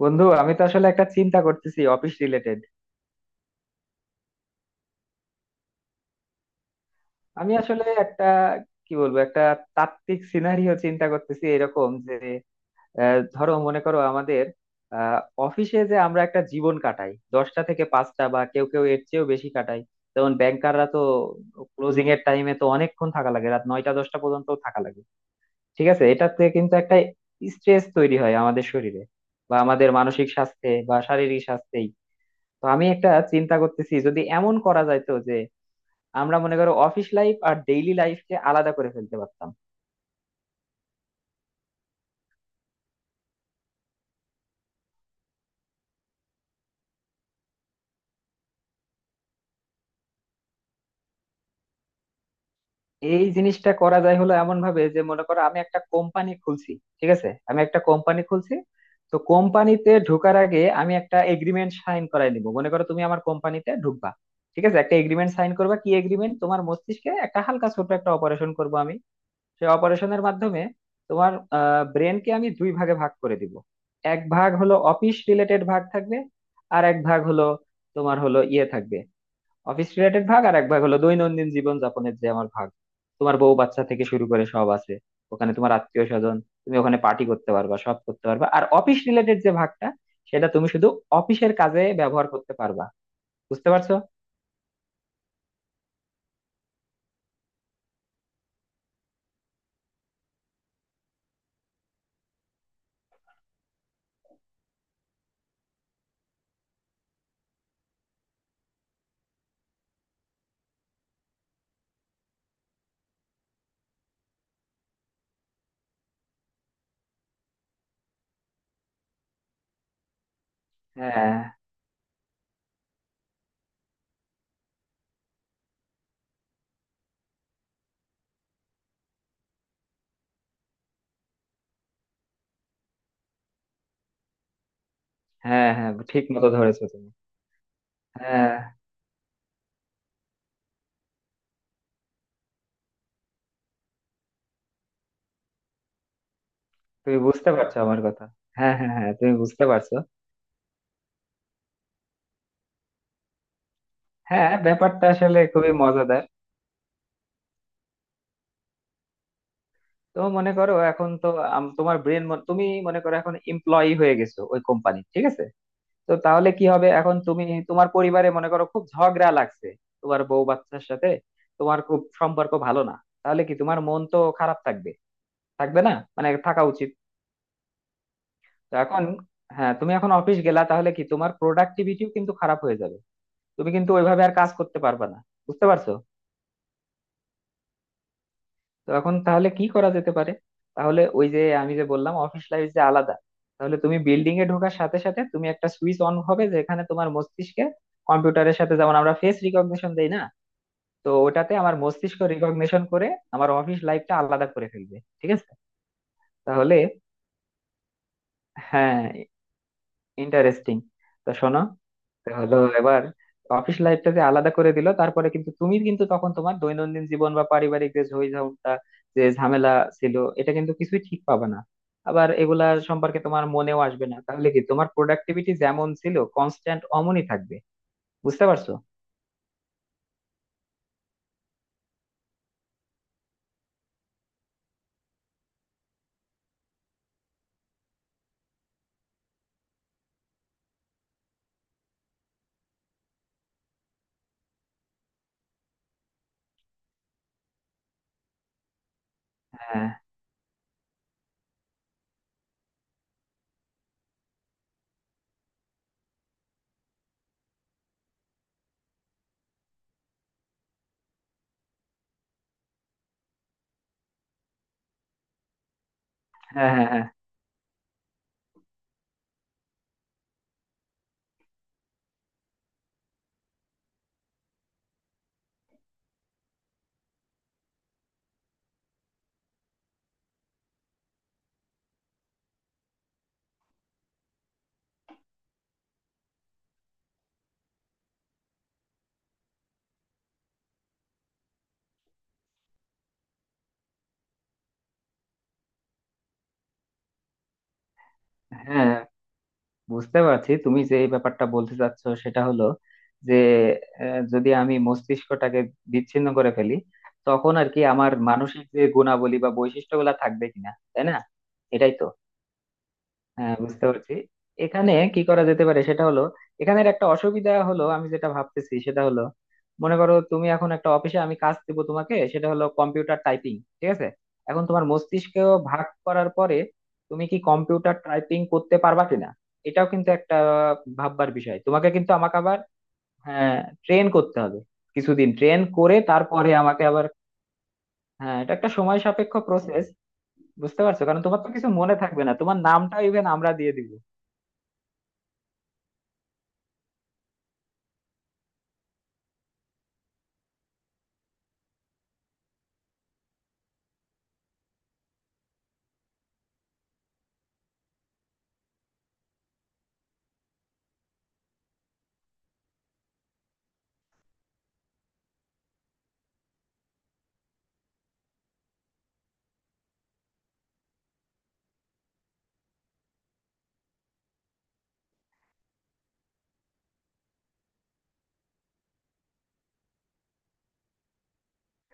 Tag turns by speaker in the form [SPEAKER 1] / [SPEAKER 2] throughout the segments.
[SPEAKER 1] বন্ধু, আমি তো আসলে একটা চিন্তা করতেছি অফিস রিলেটেড। আমি আসলে একটা কি বলবো, একটা তাত্ত্বিক সিনারিও চিন্তা করতেছি এরকম যে, ধরো মনে করো আমাদের অফিসে যে আমরা একটা জীবন কাটাই, দশটা থেকে পাঁচটা, বা কেউ কেউ এর চেয়েও বেশি কাটাই। যেমন ব্যাংকাররা তো ক্লোজিং এর টাইমে তো অনেকক্ষণ থাকা লাগে, রাত নয়টা দশটা পর্যন্ত থাকা লাগে। ঠিক আছে, এটাতে কিন্তু একটা স্ট্রেস তৈরি হয় আমাদের শরীরে, বা আমাদের মানসিক স্বাস্থ্যে বা শারীরিক স্বাস্থ্যেই। তো আমি একটা চিন্তা করতেছি, যদি এমন করা যাইতো আমরা মনে করো অফিস লাইফ আর ডেইলি লাইফকে আলাদা করে ফেলতে পারতাম। এই জিনিসটা করা যায় হলো এমন ভাবে যে, মনে করো আমি একটা কোম্পানি খুলছি। ঠিক আছে, আমি একটা কোম্পানি খুলছি। তো কোম্পানিতে ঢোকার আগে আমি একটা এগ্রিমেন্ট সাইন করাই নিব, মনে করো তুমি আমার কোম্পানিতে ঢুকবা। ঠিক আছে, একটা এগ্রিমেন্ট সাইন করবা, কি এগ্রিমেন্ট? তোমার মস্তিষ্কে একটা হালকা ছোট একটা অপারেশন করব আমি। সেই অপারেশনের মাধ্যমে তোমার ব্রেনকে আমি দুই ভাগে ভাগ করে দিব। এক ভাগ হলো অফিস রিলেটেড ভাগ থাকবে, আর এক ভাগ হলো তোমার হলো ইয়ে থাকবে, অফিস রিলেটেড ভাগ, আর এক ভাগ হলো দৈনন্দিন জীবন যাপনের যে আমার ভাগ। তোমার বউ বাচ্চা থেকে শুরু করে সব আছে ওখানে, তোমার আত্মীয় স্বজন। তুমি ওখানে পার্টি করতে পারবা, সব করতে পারবা, আর অফিস রিলেটেড যে ভাগটা, সেটা তুমি শুধু অফিসের কাজে ব্যবহার করতে পারবা। বুঝতে পারছো? হ্যাঁ হ্যাঁ হ্যাঁ, ঠিক মতো ধরেছো তুমি। হ্যাঁ, তুমি বুঝতে পারছো আমার কথা? হ্যাঁ হ্যাঁ হ্যাঁ, তুমি বুঝতে পারছো। হ্যাঁ, ব্যাপারটা আসলে খুবই মজাদার। তো মনে করো, এখন তো তোমার ব্রেন, তুমি মনে করো এখন এমপ্লয়ি হয়ে গেছো ওই কোম্পানি, ঠিক আছে। তো তাহলে কি হবে এখন? তুমি তোমার পরিবারে মনে করো খুব ঝগড়া লাগছে তোমার বউ বাচ্চার সাথে, তোমার খুব সম্পর্ক ভালো না। তাহলে কি তোমার মন তো খারাপ থাকবে, থাকবে না মানে থাকা উচিত। তো এখন, হ্যাঁ, তুমি এখন অফিস গেলা তাহলে কি তোমার প্রোডাক্টিভিটিও কিন্তু খারাপ হয়ে যাবে, তুমি কিন্তু ওইভাবে আর কাজ করতে পারবে না। বুঝতে পারছো? তো এখন তাহলে কি করা যেতে পারে? তাহলে ওই যে আমি যে বললাম, অফিস লাইফ যে আলাদা, তাহলে তুমি বিল্ডিং এ ঢোকার সাথে সাথে তুমি একটা সুইচ অন হবে, যেখানে তোমার মস্তিষ্কে কম্পিউটারের সাথে যেমন আমরা ফেস রিকগনিশন দেই না, তো ওটাতে আমার মস্তিষ্ক রিকগনিশন করে আমার অফিস লাইফটা আলাদা করে ফেলবে, ঠিক আছে। তাহলে, হ্যাঁ, ইন্টারেস্টিং। তো শোনো, তো হলো এবার অফিস লাইফটা যে আলাদা করে দিল, তারপরে কিন্তু তুমি, কিন্তু তখন তোমার দৈনন্দিন জীবন বা পারিবারিক যে ঝইঝামটা, যে ঝামেলা ছিল, এটা কিন্তু কিছুই ঠিক পাবে না, আবার এগুলা সম্পর্কে তোমার মনেও আসবে না, তাহলে কি তোমার প্রোডাক্টিভিটি যেমন ছিল কনস্ট্যান্ট অমনই থাকবে। বুঝতে পারছো? হ্যাঁ হ্যাঁ হ্যাঁ হ্যাঁ হ্যাঁ, বুঝতে পারছি তুমি যে এই ব্যাপারটা বলতে চাচ্ছ সেটা হলো যে, যদি আমি মস্তিষ্কটাকে বিচ্ছিন্ন করে ফেলি, তখন আর কি আমার মানসিক যে গুণাবলী বা বৈশিষ্ট্যগুলা থাকবে কিনা, তাই না? এটাই তো। হ্যাঁ, বুঝতে পারছি। এখানে কি করা যেতে পারে সেটা হলো, এখানের একটা অসুবিধা হলো আমি যেটা ভাবতেছি সেটা হলো, মনে করো তুমি এখন একটা অফিসে, আমি কাজ দেবো তোমাকে সেটা হলো কম্পিউটার টাইপিং, ঠিক আছে। এখন তোমার মস্তিষ্ক ভাগ করার পরে তুমি কি কম্পিউটার টাইপিং করতে পারবা কিনা, এটাও কিন্তু একটা ভাববার বিষয়, তোমাকে কিন্তু আমাকে আবার, হ্যাঁ, ট্রেন করতে হবে। কিছুদিন ট্রেন করে তারপরে আমাকে আবার, হ্যাঁ, এটা একটা সময় সাপেক্ষ প্রসেস। বুঝতে পারছো, কারণ তোমার তো কিছু মনে থাকবে না, তোমার নামটা ইভেন আমরা দিয়ে দিব।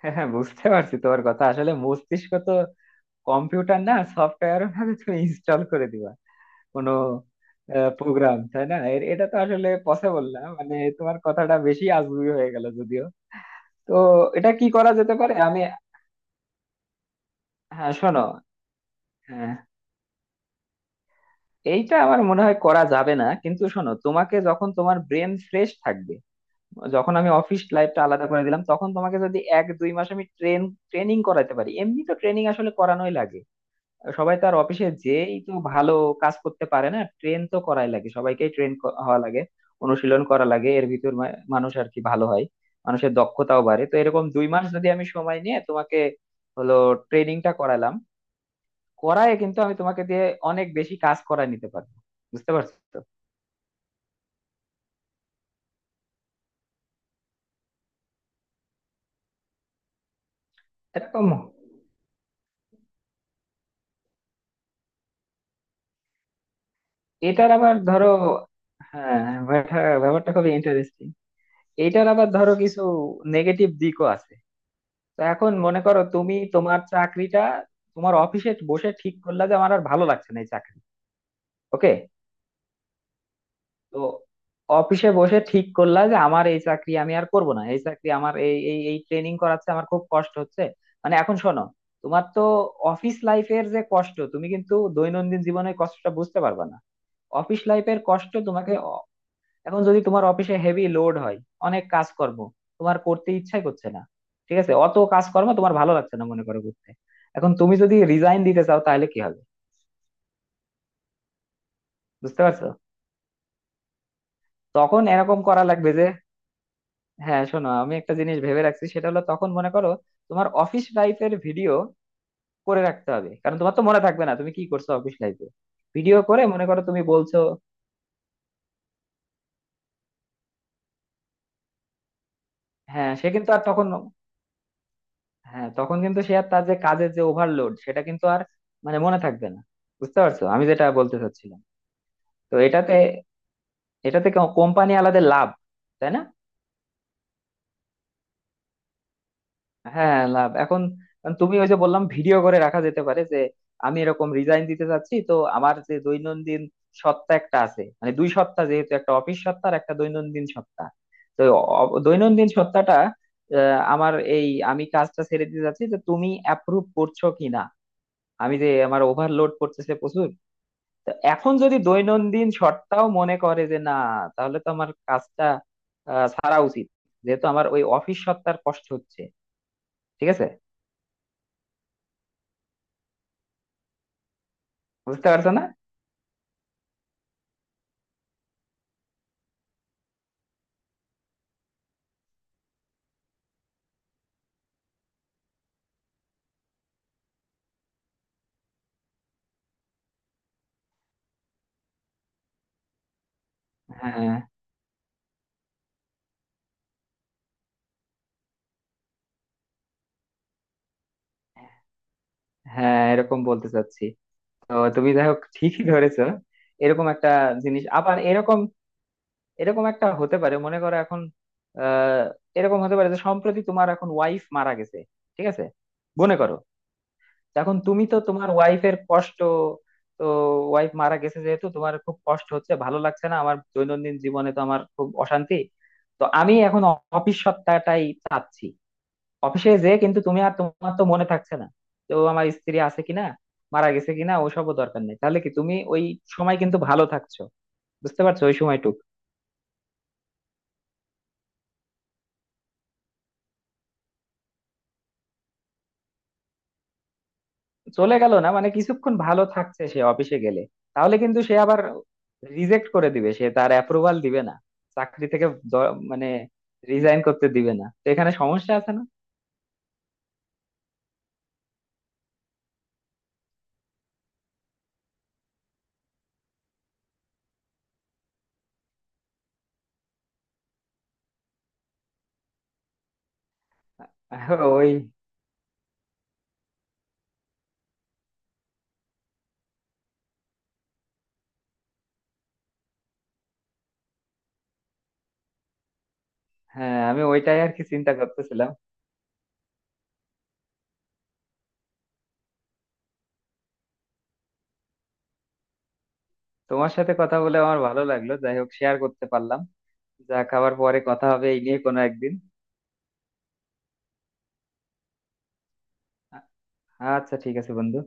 [SPEAKER 1] হ্যাঁ হ্যাঁ, বুঝতে পারছি তোমার কথা। আসলে মস্তিষ্ক তো কম্পিউটার না, সফটওয়্যারও না যে তুমি ইনস্টল করে দিবা কোনো প্রোগ্রাম, তাই না? এটা তো আসলে পসিবল না, মানে তোমার কথাটা বেশি আজগুবি হয়ে গেল যদিও। তো এটা কি করা যেতে পারে আমি, হ্যাঁ শোনো, হ্যাঁ, এইটা আমার মনে হয় করা যাবে না, কিন্তু শোনো, তোমাকে যখন তোমার ব্রেন ফ্রেশ থাকবে, যখন আমি অফিস লাইফটা আলাদা করে দিলাম, তখন তোমাকে যদি এক দুই মাস আমি ট্রেনিং করাতে পারি, এমনি তো ট্রেনিং আসলে করানোই লাগে। সবাই তো আর অফিসে যেই তো ভালো কাজ করতে পারে না, ট্রেন তো করাই লাগে, সবাইকেই ট্রেন হওয়া লাগে, অনুশীলন করা লাগে, এর ভিতর মানুষ আর কি ভালো হয়, মানুষের দক্ষতাও বাড়ে। তো এরকম দুই মাস যদি আমি সময় নিয়ে তোমাকে হলো ট্রেনিংটা করালাম, করায় কিন্তু আমি তোমাকে দিয়ে অনেক বেশি কাজ করায় নিতে পারবো। বুঝতে পারছো তো? এরকম এটার আবার ধরো, হ্যাঁ, ব্যাপারটা ব্যাপারটা খুবই ইন্টারেস্টিং। এইটার আবার ধরো কিছু নেগেটিভ দিকও আছে। তো এখন মনে করো তুমি তোমার চাকরিটা, তোমার অফিসে বসে ঠিক করলা যে আমার আর ভালো লাগছে না এই চাকরি, ওকে। তো অফিসে বসে ঠিক করলা যে আমার এই চাকরি আমি আর করব না, এই চাকরি আমার এই এই এই ট্রেনিং করাচ্ছে, আমার খুব কষ্ট হচ্ছে। মানে এখন শোনো, তোমার তো অফিস লাইফের যে কষ্ট, তুমি কিন্তু দৈনন্দিন জীবনের কষ্টটা বুঝতে পারবে না, অফিস লাইফের কষ্ট তোমাকে। এখন যদি তোমার অফিসে হেভি লোড হয়, অনেক কাজকর্ম তোমার করতে ইচ্ছাই করছে না, ঠিক আছে, অত কাজকর্ম তোমার ভালো লাগছে না মনে করো করতে, এখন তুমি যদি রিজাইন দিতে চাও তাহলে কি হবে? বুঝতে পারছো? তখন এরকম করা লাগবে যে, হ্যাঁ শোনো, আমি একটা জিনিস ভেবে রাখছি সেটা হলো, তখন মনে করো তোমার অফিস লাইফের ভিডিও করে রাখতে হবে, কারণ তোমার তো মনে থাকবে না তুমি কি করছো অফিস লাইফে। ভিডিও করে মনে করো তুমি বলছো, হ্যাঁ, সে কিন্তু আর তখন, হ্যাঁ, তখন কিন্তু সে আর তার যে কাজের যে ওভারলোড সেটা কিন্তু আর, মানে মনে থাকবে না। বুঝতে পারছো আমি যেটা বলতে চাচ্ছিলাম? তো এটাতে এটাতে কোম্পানি আলাদা লাভ, তাই না? হ্যাঁ, লাভ। এখন তুমি ওই যে বললাম ভিডিও করে রাখা যেতে পারে যে আমি এরকম রিজাইন দিতে চাচ্ছি, তো আমার যে দৈনন্দিন সত্তা একটা আছে, মানে দুই সত্তা যেহেতু, একটা অফিস সত্তা আর একটা দৈনন্দিন সত্তা। তো দৈনন্দিন সত্তাটা, আমার এই, আমি কাজটা ছেড়ে দিতে চাচ্ছি যে তুমি অ্যাপ্রুভ করছো কিনা, আমি যে আমার ওভারলোড করতেছে প্রচুর। তো এখন যদি দৈনন্দিন শর্তাও মনে করে যে না, তাহলে তো আমার কাজটা ছাড়া উচিত, যেহেতু আমার ওই অফিস সত্তার কষ্ট হচ্ছে। ঠিক আছে। বুঝতে পারছো না? হ্যাঁ হ্যাঁ, এরকম বলতে চাচ্ছি। তো তুমি যাই হোক ঠিকই ধরেছো। এরকম একটা জিনিস, আবার এরকম এরকম একটা হতে পারে, মনে করো এখন, আহ এরকম হতে পারে যে সম্প্রতি তোমার এখন ওয়াইফ মারা গেছে। ঠিক আছে, মনে করো। এখন তুমি তো তোমার ওয়াইফের কষ্ট, তো ওয়াইফ মারা গেছে যেহেতু, তোমার খুব কষ্ট হচ্ছে, ভালো লাগছে না, আমার দৈনন্দিন জীবনে তো আমার খুব অশান্তি। তো আমি এখন অফিস সপ্তাহটাই চাচ্ছি। অফিসে যে কিন্তু তুমি, আর তোমার তো মনে থাকছে না তো আমার স্ত্রী আছে কিনা, মারা গেছে কিনা, ওসবও দরকার নেই, তাহলে কি তুমি ওই সময় কিন্তু ভালো থাকছো। বুঝতে পারছো, ওই সময়টুকু চলে গেল না মানে কিছুক্ষণ ভালো থাকছে সে অফিসে গেলে। তাহলে কিন্তু সে আবার রিজেক্ট করে দিবে, সে তার অ্যাপ্রুভাল দিবে না চাকরি থেকে, মানে রিজাইন করতে দিবে না, তো এখানে সমস্যা আছে না? ওই, হ্যাঁ, আমি ওইটাই আর কি চিন্তা করতেছিলাম। তোমার সাথে কথা বলে আমার ভালো লাগলো, যাই হোক শেয়ার করতে পারলাম। যা, খাবার পরে কথা হবে এই নিয়ে কোনো একদিন। আ- আচ্ছা, ঠিক আছে বন্ধু।